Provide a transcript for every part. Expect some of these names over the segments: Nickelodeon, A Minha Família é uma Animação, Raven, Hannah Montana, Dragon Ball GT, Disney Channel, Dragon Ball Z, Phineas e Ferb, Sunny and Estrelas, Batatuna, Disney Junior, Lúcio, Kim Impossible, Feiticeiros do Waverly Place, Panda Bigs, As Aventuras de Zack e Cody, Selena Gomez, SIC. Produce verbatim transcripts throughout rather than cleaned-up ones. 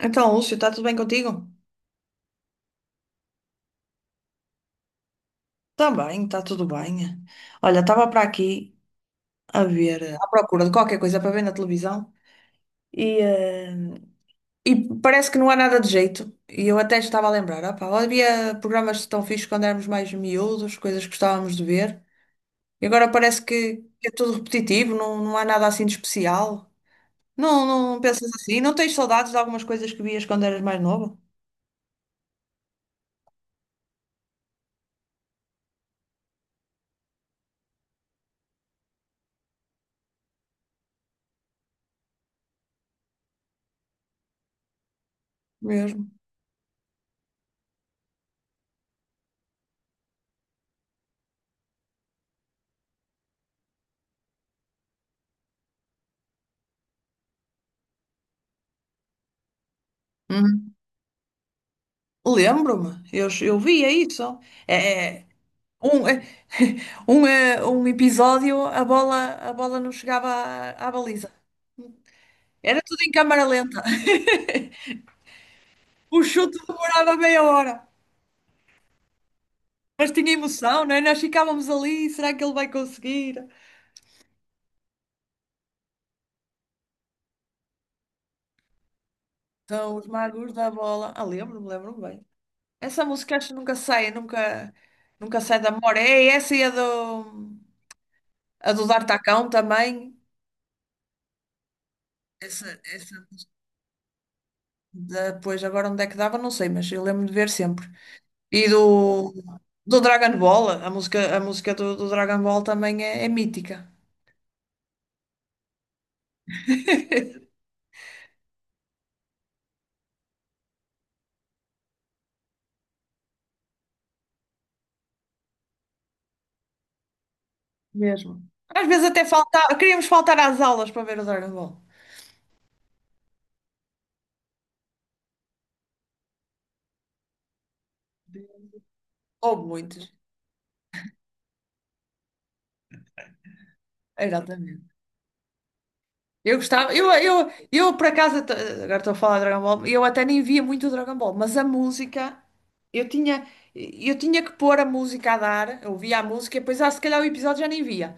Então, Lúcio, está tudo bem contigo? Também, está tudo bem. Olha, estava para aqui a ver, eh, à procura de qualquer coisa para ver na televisão e, eh, e parece que não há nada de jeito. E eu até estava a lembrar, opá, havia programas tão fixos quando éramos mais miúdos, coisas que gostávamos de ver. E agora parece que que é tudo repetitivo, não, não há nada assim de especial. Não, não pensas assim? Não tens saudades de algumas coisas que vias quando eras mais novo? Mesmo. Uhum. Lembro-me, eu, eu via isso. É, é. Um, eh, um, eh, um episódio, a bola, a bola não chegava à, à baliza. Era tudo em câmara lenta. O chute demorava meia hora. Mas tinha emoção, não é? Nós ficávamos ali, será que ele vai conseguir? São os magos da bola. Ah, lembro-me, lembro-me bem. Essa música acho que nunca sai, nunca, nunca sai da memória. É essa e a do, a do Dar Tacão também. Essa, essa depois, agora onde é que dava, não sei, mas eu lembro de ver sempre. E do, do Dragon Ball, a música, a música do, do Dragon Ball também é, é mítica. Mesmo. Às vezes até faltava, queríamos faltar às aulas para ver o Dragon Ball. Houve muitos. Exatamente. Eu gostava, eu, eu, eu por acaso, até- agora estou a falar de Dragon Ball, eu até nem via muito o Dragon Ball, mas a música, eu tinha, eu tinha que pôr a música a dar, eu via a música e depois, ah, se calhar o episódio já nem via.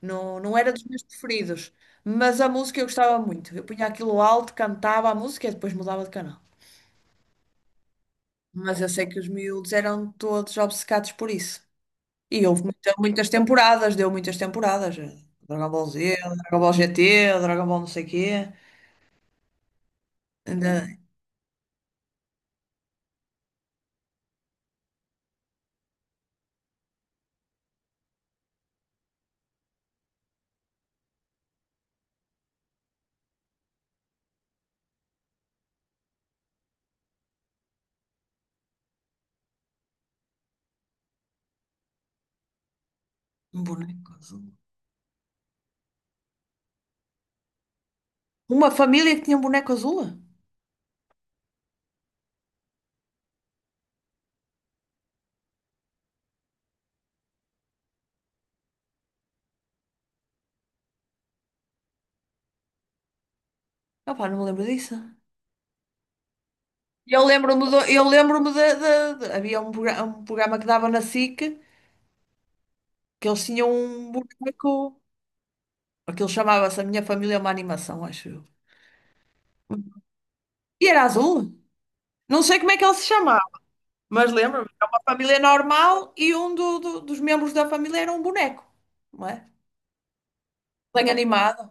Não, não era dos meus preferidos, mas a música eu gostava muito. Eu punha aquilo alto, cantava a música e depois mudava de canal. Mas eu sei que os miúdos eram todos obcecados por isso. E houve muita- muitas temporadas, deu muitas temporadas. Dragon Ball Z, Dragon Ball G T, Dragon Ball não sei quê. Ainda... Um boneco azul. Uma família que tinha um boneco azul? Opá, não me lembro disso. Eu lembro-me do, eu lembro-me de, de- de- havia um, progra- um programa que dava na SIC que eles tinham um boneco. Aquilo chamava-se A Minha Família é uma Animação, acho eu. E era azul? Não sei como é que ele se chamava, mas lembro-me, era uma família normal e um do- do- dos membros da família era um boneco, não é? Bem animado.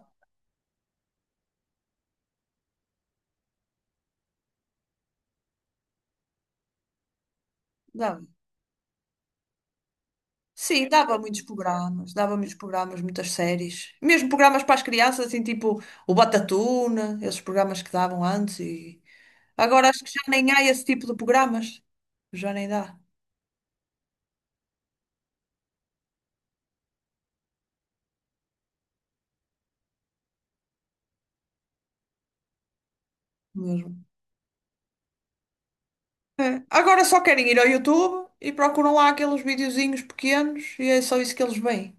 Dava. Sim, dava muitos programas, dava muitos programas, muitas séries. Mesmo programas para as crianças, assim, tipo o Batatuna, esses programas que davam antes e... Agora acho que já nem há esse tipo de programas. Já nem dá mesmo. É. Agora só querem ir ao YouTube e procuram lá aqueles videozinhos pequenos e é só isso que eles veem.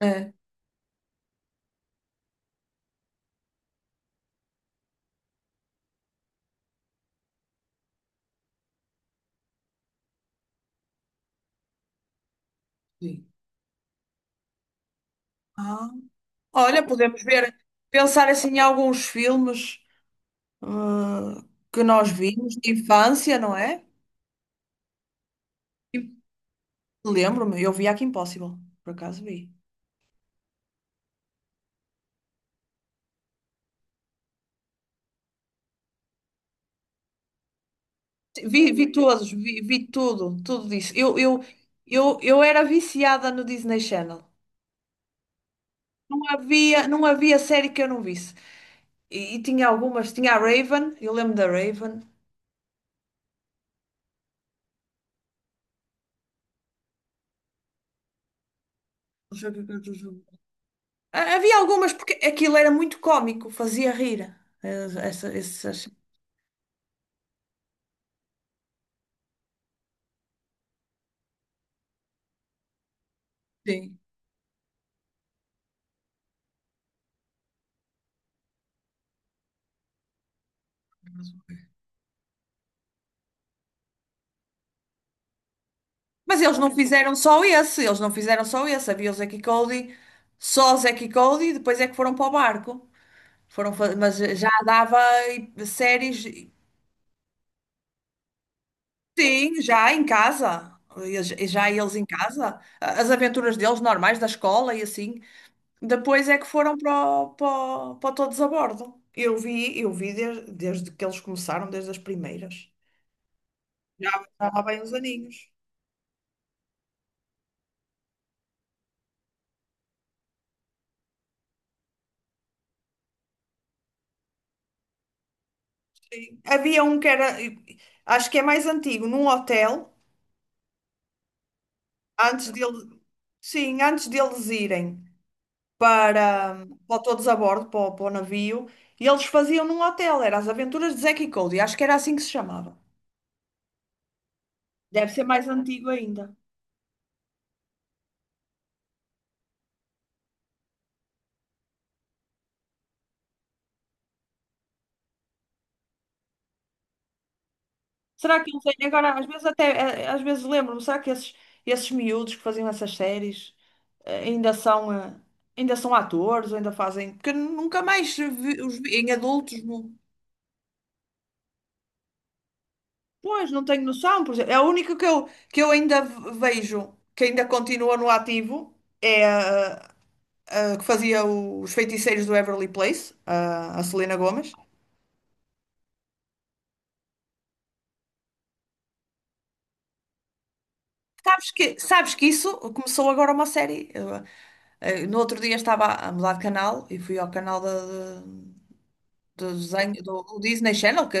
É. Sim. Ah. Olha, podemos ver, pensar assim em alguns filmes, ah, que nós vimos de infância, não é? E lembro-me, eu vi Kim Impossible, por acaso vi. Vi, vi todos, vi, vi tudo, tudo disso. Eu, eu, eu, eu era viciada no Disney Channel. Não havia, não havia série que eu não visse. E, e tinha algumas, tinha a Raven, eu lembro da Raven. Ah, havia algumas porque aquilo era muito cómico, fazia rir. eh, essa- essas- Sim. Mas eles não fizeram só esse, eles não fizeram só esse. Havia o Zack e Cody, só o Zack e Cody, e depois é que foram para o barco. Foram, fa- mas já dava e- séries, sim, já em casa. Eles- Já eles em casa, as aventuras deles normais da escola e assim. Depois é que foram para, o- para, o- para o todos a bordo. Eu vi, eu vi desde, desde que eles começaram, desde as primeiras. Já há bem uns aninhos. Havia um que era, acho que é mais antigo, num hotel, antes dele, sim, antes deles irem para, para o todos a bordo, para, o- para o navio, e eles faziam num hotel, era As Aventuras de Zack e Cody, acho que era assim que se chamava. Deve ser mais antigo ainda. Será que, não sei, agora às vezes até, eh, eh, às vezes lembro-me, será que esses, esses, miúdos que faziam essas séries eh, ainda são, eh, ainda são atores, ou ainda fazem, porque nunca mais vi- os vi em adultos, não- Pois, não tenho noção, por exemplo, é a única que eu, que eu ainda v- vejo, que ainda continua no ativo, é a, a que fazia os feiticeiros do Everly Place, a, a Selena Gomez. Sabes que, sabes que isso começou agora uma série. Eu, eh, no outro dia estava a a mudar de canal e fui ao canal da, do, desenho- do- do Disney Channel, que,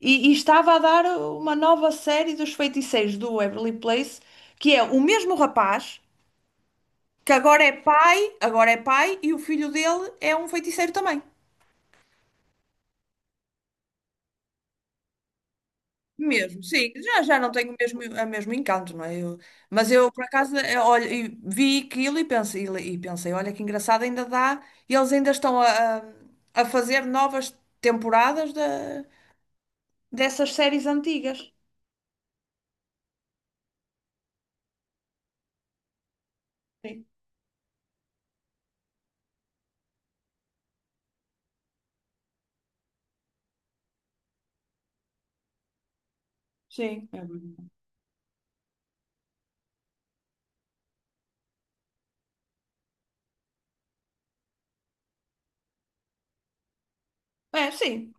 e, e estava a dar uma nova série dos feiticeiros do Waverly Place, que é o mesmo rapaz, que agora é pai, agora é pai, e o filho dele é um feiticeiro também. Mesmo, sim, já, já não tenho o mesmo, o mesmo encanto, não é? Eu- mas eu, por acaso, eh, olha, e vi aquilo e pensei, e pensei, olha que engraçado, ainda dá, e eles ainda estão a, a a fazer novas temporadas da, dessas séries antigas. Sim, sim. É, verdade. É, sim.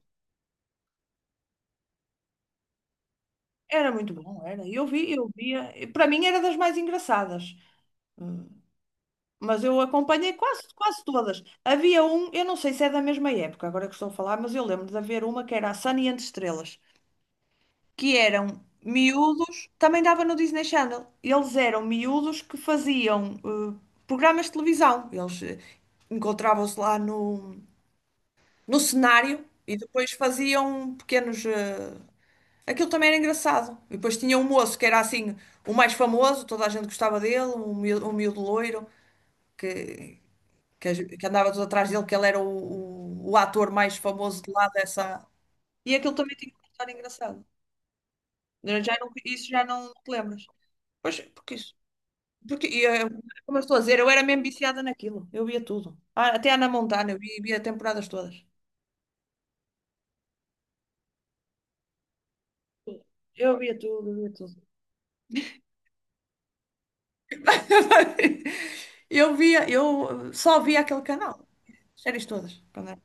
Era muito bom, era. Eu vi, eu via. E para mim era das mais engraçadas. Hum, Mas eu acompanhei quase, quase todas. Havia um, eu não sei se é da mesma época, agora que estou a falar, mas eu lembro de haver uma que era a Sunny and Estrelas, que eram miúdos, também dava no Disney Channel. Eles eram miúdos que faziam eh, programas de televisão. Eles eh, encontravam-se lá no, no cenário e depois faziam pequenos. eh, Aquilo também era engraçado. E depois tinha um moço que era assim, o mais famoso, toda a gente gostava dele, um miúdo, um miúdo loiro, que, que, as- que andava tudo atrás dele, que ele era o, o, o ator mais famoso de lá dessa. E aquilo também tinha uma história engraçada. Eu já não, isso já não te lembras. Pois, porque isso. Porque, e, eh, como eu estou a dizer, eu era mesmo viciada naquilo. Eu via tudo. Ah, até Ana Montana, eu vi- via, temporadas todas. Eu via tudo, eu via tudo. Eu via, eu só via aquele canal. Séries todas. quando era-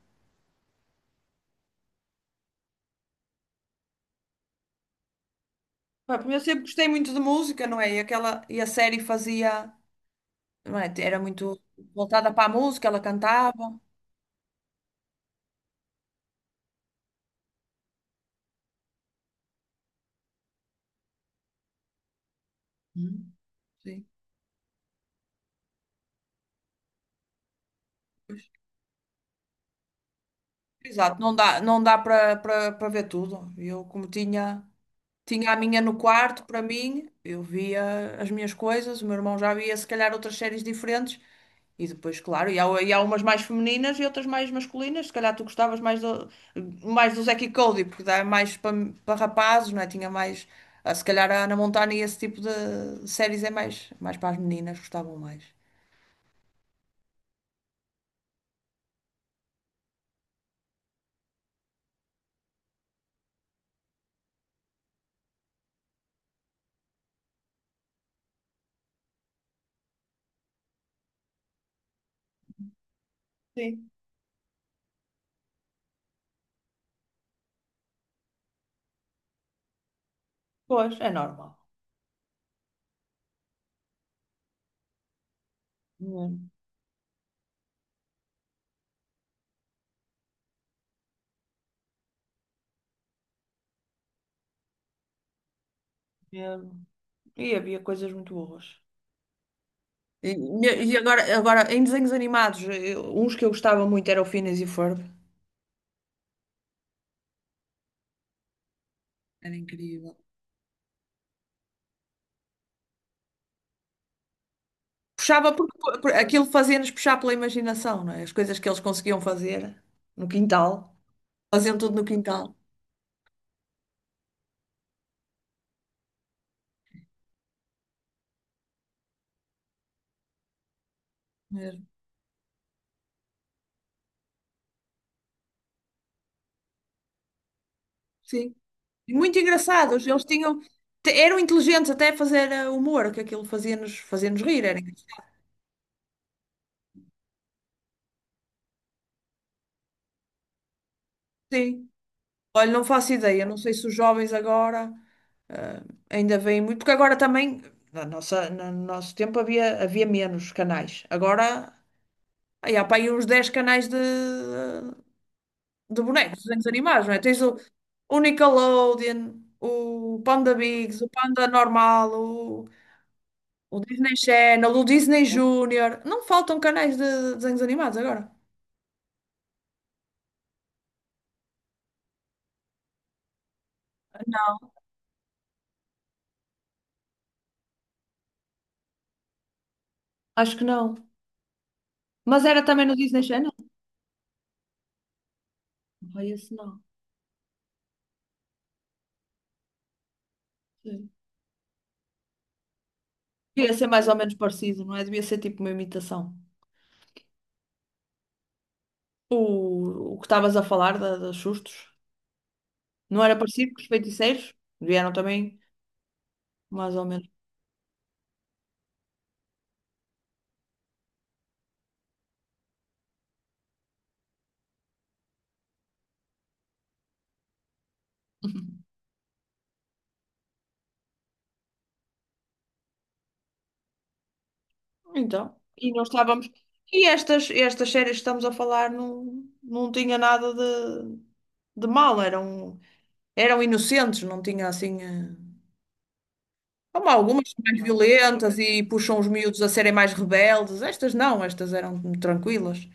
Pá, porque eu sempre gostei muito de música, não é? E, aquela, e a série fazia. Não é? Era muito voltada para a música, ela cantava. Hum. Sim. Pois. Exato, não dá, não dá para para- para ver tudo. Eu, como tinha, tinha a minha no quarto, para mim, eu via as minhas coisas, o meu irmão já via se calhar outras séries diferentes. E depois, claro, e há, e há umas mais femininas e outras mais masculinas. Se calhar tu gostavas mais do, mais do Zack e Cody, porque dá mais para para rapazes, não é? Tinha mais. Ah, se calhar a Hannah Montana e esse tipo de de séries é mais, mais para as meninas, gostavam mais. Sim, pois, é normal. Hum, é. E havia coisas muito boas. E, e agora, agora, em desenhos animados, eu- uns que eu gostava muito era o Phineas e o Ferb. Era incrível. Puxava porque por- aquilo fazia-nos puxar pela imaginação, não é? As coisas que eles conseguiam fazer no quintal, faziam tudo no quintal mesmo. Sim. E muito engraçados, eles tinham, te- eram inteligentes até a fazer eh, humor, que aquilo fazia-nos fazia-nos rir. Era engraçado. Sim. Olha, não faço ideia, não sei se os jovens agora eh, ainda veem muito, porque agora também, na nossa, na- no nosso tempo havia, havia menos canais. Agora, aí há para aí uns dez canais de, de bonecos, desenhos animados, não é? Tens o, o Nickelodeon, o Panda Bigs, o Panda Normal, o, o Disney Channel, o Disney Junior. Não faltam canais de de desenhos animados agora. Acho que não. Mas era também no Disney Channel? Não, é esse não. Sim. Devia ser mais ou menos parecido, não é? Devia ser tipo uma imitação. O, o que estavas a falar da, dos sustos. Não era parecido com os feiticeiros? Vieram também mais ou menos. Então, e nós estávamos. E estas, estas séries que estamos a falar não, não tinha nada de, de mal, eram, eram inocentes, não tinha assim. eh, Como algumas são mais violentas e puxam os miúdos a serem mais rebeldes, estas não, estas eram tranquilas,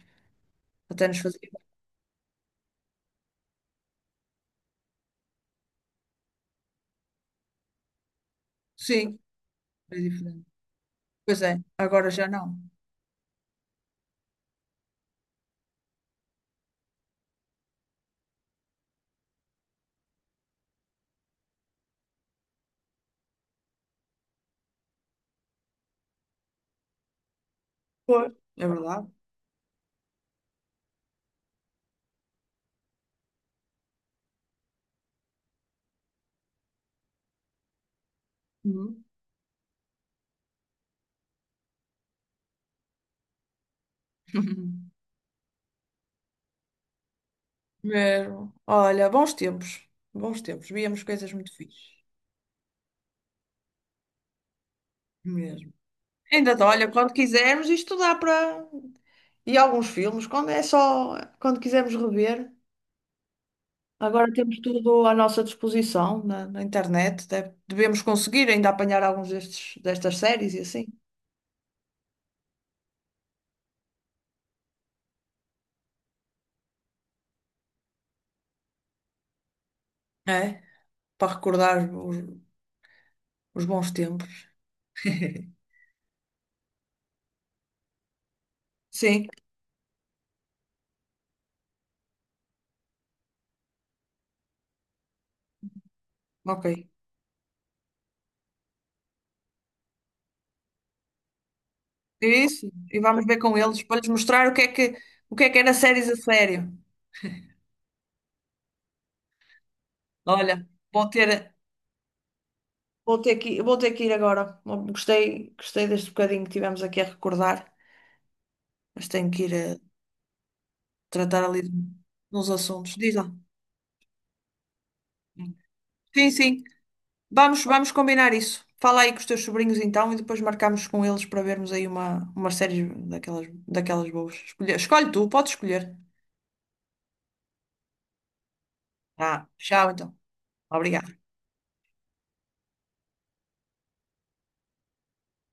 até nos faziam. Sim, é diferente. Pois é, agora já não. Pois. É verdade. Uhum. Mesmo. Olha, bons tempos, bons tempos, víamos coisas muito fixes. Mesmo. Ainda, dá, olha, quando quisermos estudar para. E alguns filmes, quando é só. Quando quisermos rever. Agora temos tudo à nossa disposição na, na internet. Deve- devemos conseguir ainda apanhar alguns destes, destas séries e assim. É? Para recordar os, os bons tempos. Sim, ok. Isso. E vamos ver com eles para lhes mostrar o que é que, o que é que era séries a sério. Olha, vou ter, vou ter que, vou ter que ir agora. Gostei, gostei deste bocadinho que tivemos aqui a recordar. Mas tenho que ir a tratar ali de uns assuntos. Diz lá. Sim, sim. Vamos, vamos combinar isso. Fala aí com os teus sobrinhos então e depois marcamos com eles para vermos aí uma, uma série daquelas, daquelas boas. Escolhe, escolhe tu, podes escolher. Tá, tchau então. Obrigada.